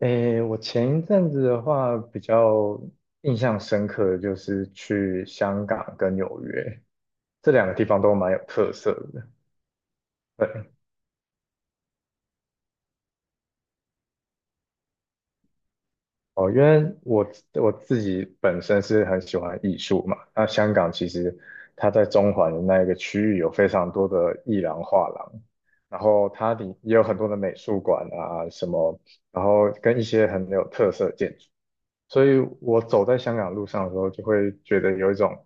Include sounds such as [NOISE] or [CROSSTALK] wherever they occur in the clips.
诶，我前一阵子的话，比较印象深刻的就是去香港跟纽约这两个地方都蛮有特色的哦。因为我自己本身是很喜欢艺术嘛，那香港其实它在中环的那一个区域有非常多的艺廊、画廊，然后它里也有很多的美术馆啊什么，然后跟一些很有特色的建筑。所以我走在香港路上的时候，就会觉得有一种，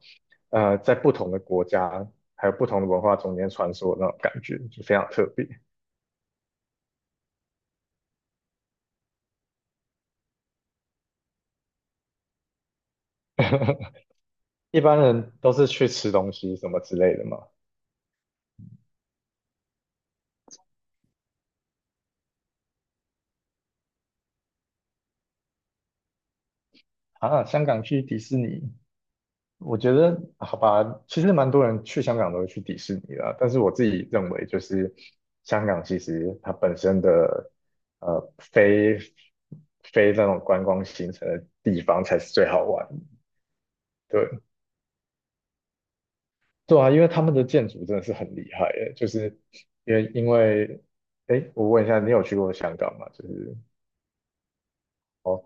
在不同的国家还有不同的文化中间穿梭的那种感觉，就非常特别。一般人都是去吃东西什么之类的嘛，啊，香港去迪士尼，我觉得好吧，其实蛮多人去香港都会去迪士尼啦，但是我自己认为就是香港其实它本身的呃非非那种观光行程的地方才是最好玩的。对啊，因为他们的建筑真的是很厉害诶，就是因为因为，哎，我问一下，你有去过香港吗？就是哦，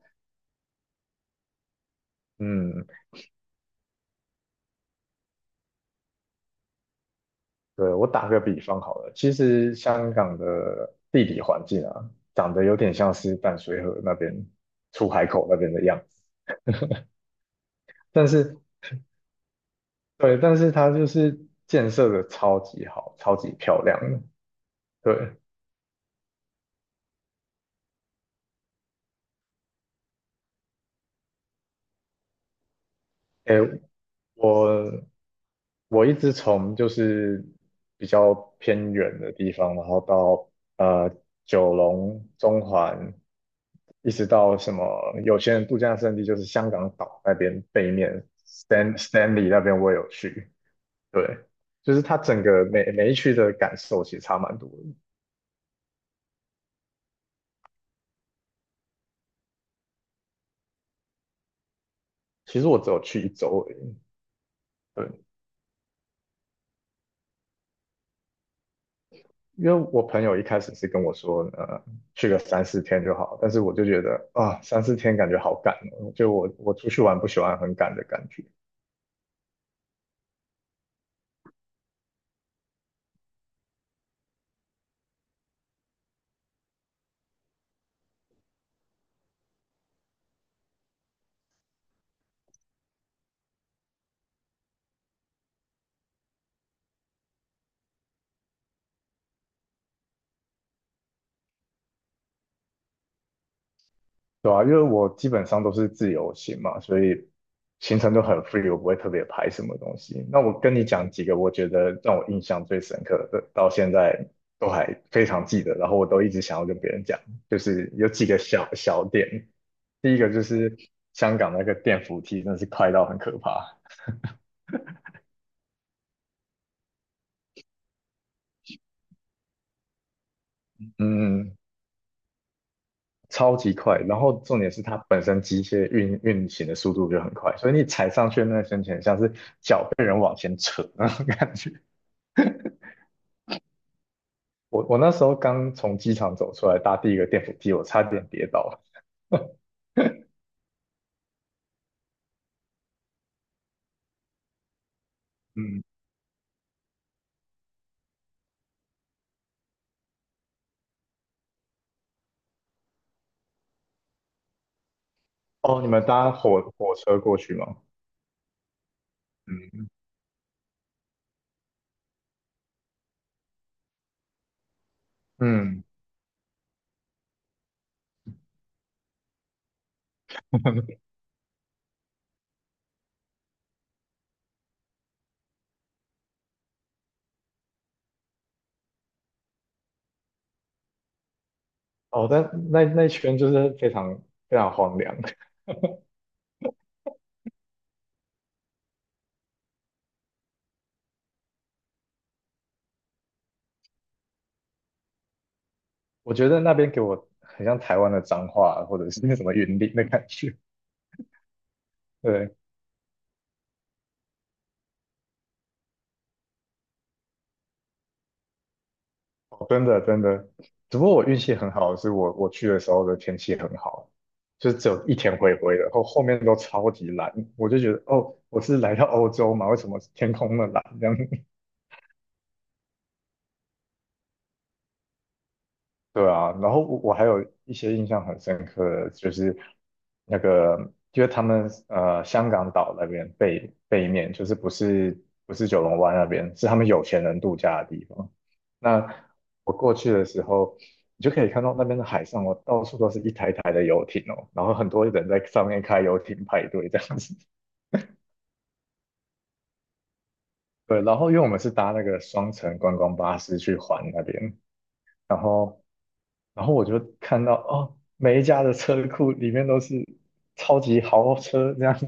嗯，对，我打个比方好了，其实香港的地理环境啊，长得有点像是淡水河那边出海口那边的样子，但是对，但是它就是建设的超级好，超级漂亮的。对，哎，我我一直从就是比较偏远的地方，然后到呃九龙、中环，一直到什么有些人度假胜地就是香港岛那边背面 Stanley 那边我也有去，对，就是它整个每一区的感受其实差蛮多的。其实我只有去一周而已，对。因为我朋友一开始是跟我说，去个三四天就好，但是我就觉得啊，三四天感觉好赶哦，就我出去玩不喜欢很赶的感觉，对啊，因为我基本上都是自由行嘛，所以行程都很 free，我不会特别排什么东西。那我跟你讲几个我觉得让我印象最深刻的，到现在都还非常记得，然后我都一直想要跟别人讲，就是有几个小小点，第一个就是香港那个电扶梯真的是快到很可怕。嗯，超级快，然后重点是它本身机械运行的速度就很快，所以你踩上去的那个瞬间，像是脚被人往前扯那种感觉。我那时候刚从机场走出来，搭第一个电扶梯，我差点跌倒了。嗯，哦，你们搭火车过去吗？嗯嗯，哦，但那圈就是非常非常荒凉，[LAUGHS] 我觉得那边给我很像台湾的彰化或者是那什么云林的感觉。对，哦，真的真的，只不过我运气很好，是我去的时候的天气很好，就是只有一天灰灰的，然后后面都超级蓝，我就觉得哦，我是来到欧洲嘛，为什么天空那么蓝这样？对啊，然后我还有一些印象很深刻的，就是那个，因是他们香港岛那边背面，就是不是九龙湾那边，是他们有钱人度假的地方。那我过去的时候，你就可以看到那边的海上哦，到处都是一台台的游艇哦，然后很多人在上面开游艇派对这样子。[LAUGHS] 对，然后因为我们是搭那个双层观光巴士去环那边，然后。然后我就看到哦，每一家的车库里面都是超级豪车这样子，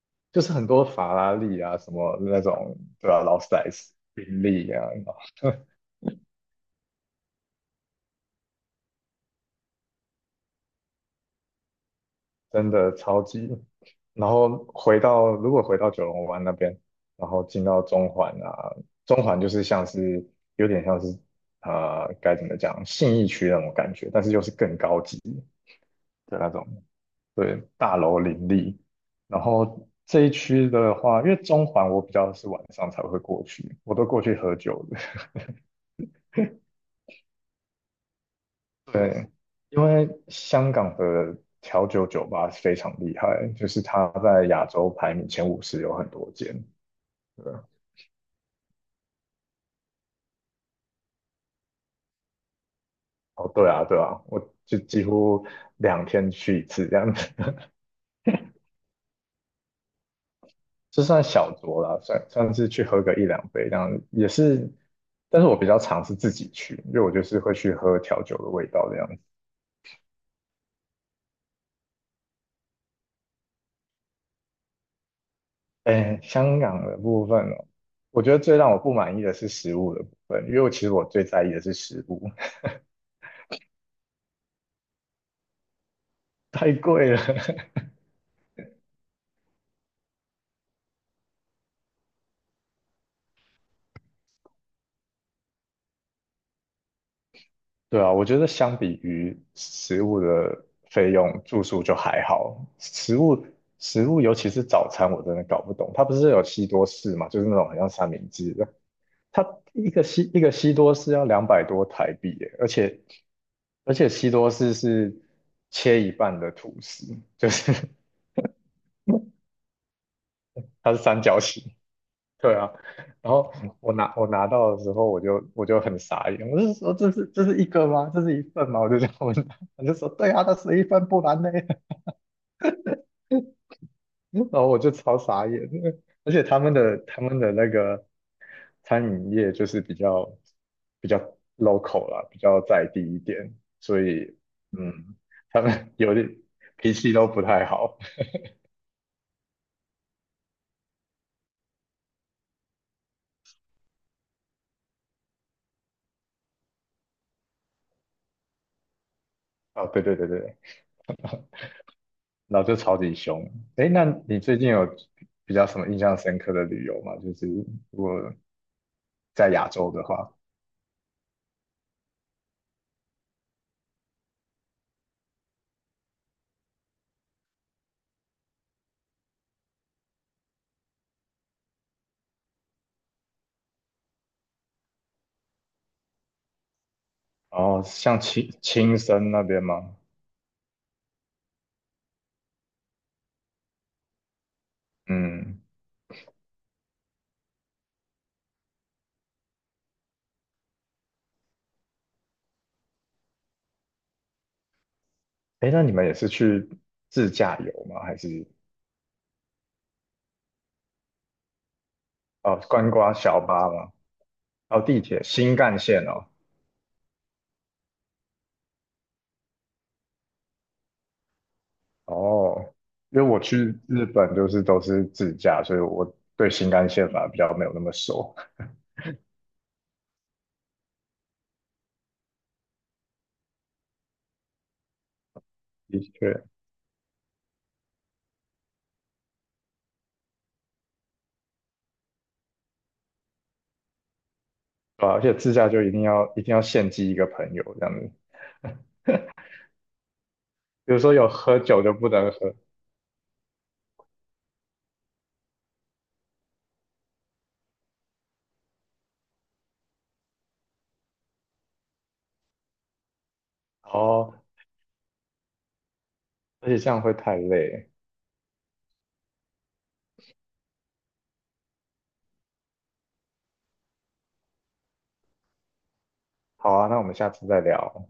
[LAUGHS] 就是很多法拉利啊，什么那种，对吧？劳斯莱斯、宾利啊，真的超级。然后回到如果回到九龙湾那边，然后进到中环啊，中环就是像是有点像是该怎么讲信义区那种感觉，但是又是更高级。的那种，对，大楼林立。然后这一区的话，因为中环我比较是晚上才会过去，我都过去喝酒的。[LAUGHS] 对，对因为香港的调酒酒吧非常厉害，就是它在亚洲排名前50有很多间。对，哦，对啊，对啊，我就几乎2天去一次这样子。这算小酌啦，算是去喝个一两杯这样，也是，但是我比较常是自己去，因为我就是会去喝调酒的味道这样子。哎，香港的部分哦，我觉得最让我不满意的是食物的部分，因为我其实我最在意的是食物，[LAUGHS] 太贵了。[LAUGHS] 对啊，我觉得相比于食物的费用，住宿就还好。食物，尤其是早餐，我真的搞不懂，它不是有西多士嘛，就是那种很像三明治的。它一个西多士要200多台币耶，而且西多士是切一半的吐司，就是 [LAUGHS] 它是三角形，对啊。然后我拿到的时候，我就很傻眼，我就说这是一个吗？这是一份吗？我就这样问他，我就说对啊，它是一份，不然呢？[LAUGHS] 然后我就超傻眼的，而且他们的那个餐饮业就是比较 local 啦，比较在地一点，所以嗯，他们 [LAUGHS] 有点脾气都不太好。哦，对对对对，然后就超级凶。哎，那你最近有比较什么印象深刻的旅游吗？就是如果在亚洲的话，然后像青森那边吗？嗯，哎，那你们也是去自驾游吗？还是？哦，观光小巴吗？哦，地铁新干线哦。哦，因为我去日本就是都是自驾，所以我对新干线反而比较没有那么熟。的确，对啊而且自驾就一定要献祭一个朋友这样子，比如说有喝酒就不能喝。哦，而且这样会太累。好啊，那我们下次再聊。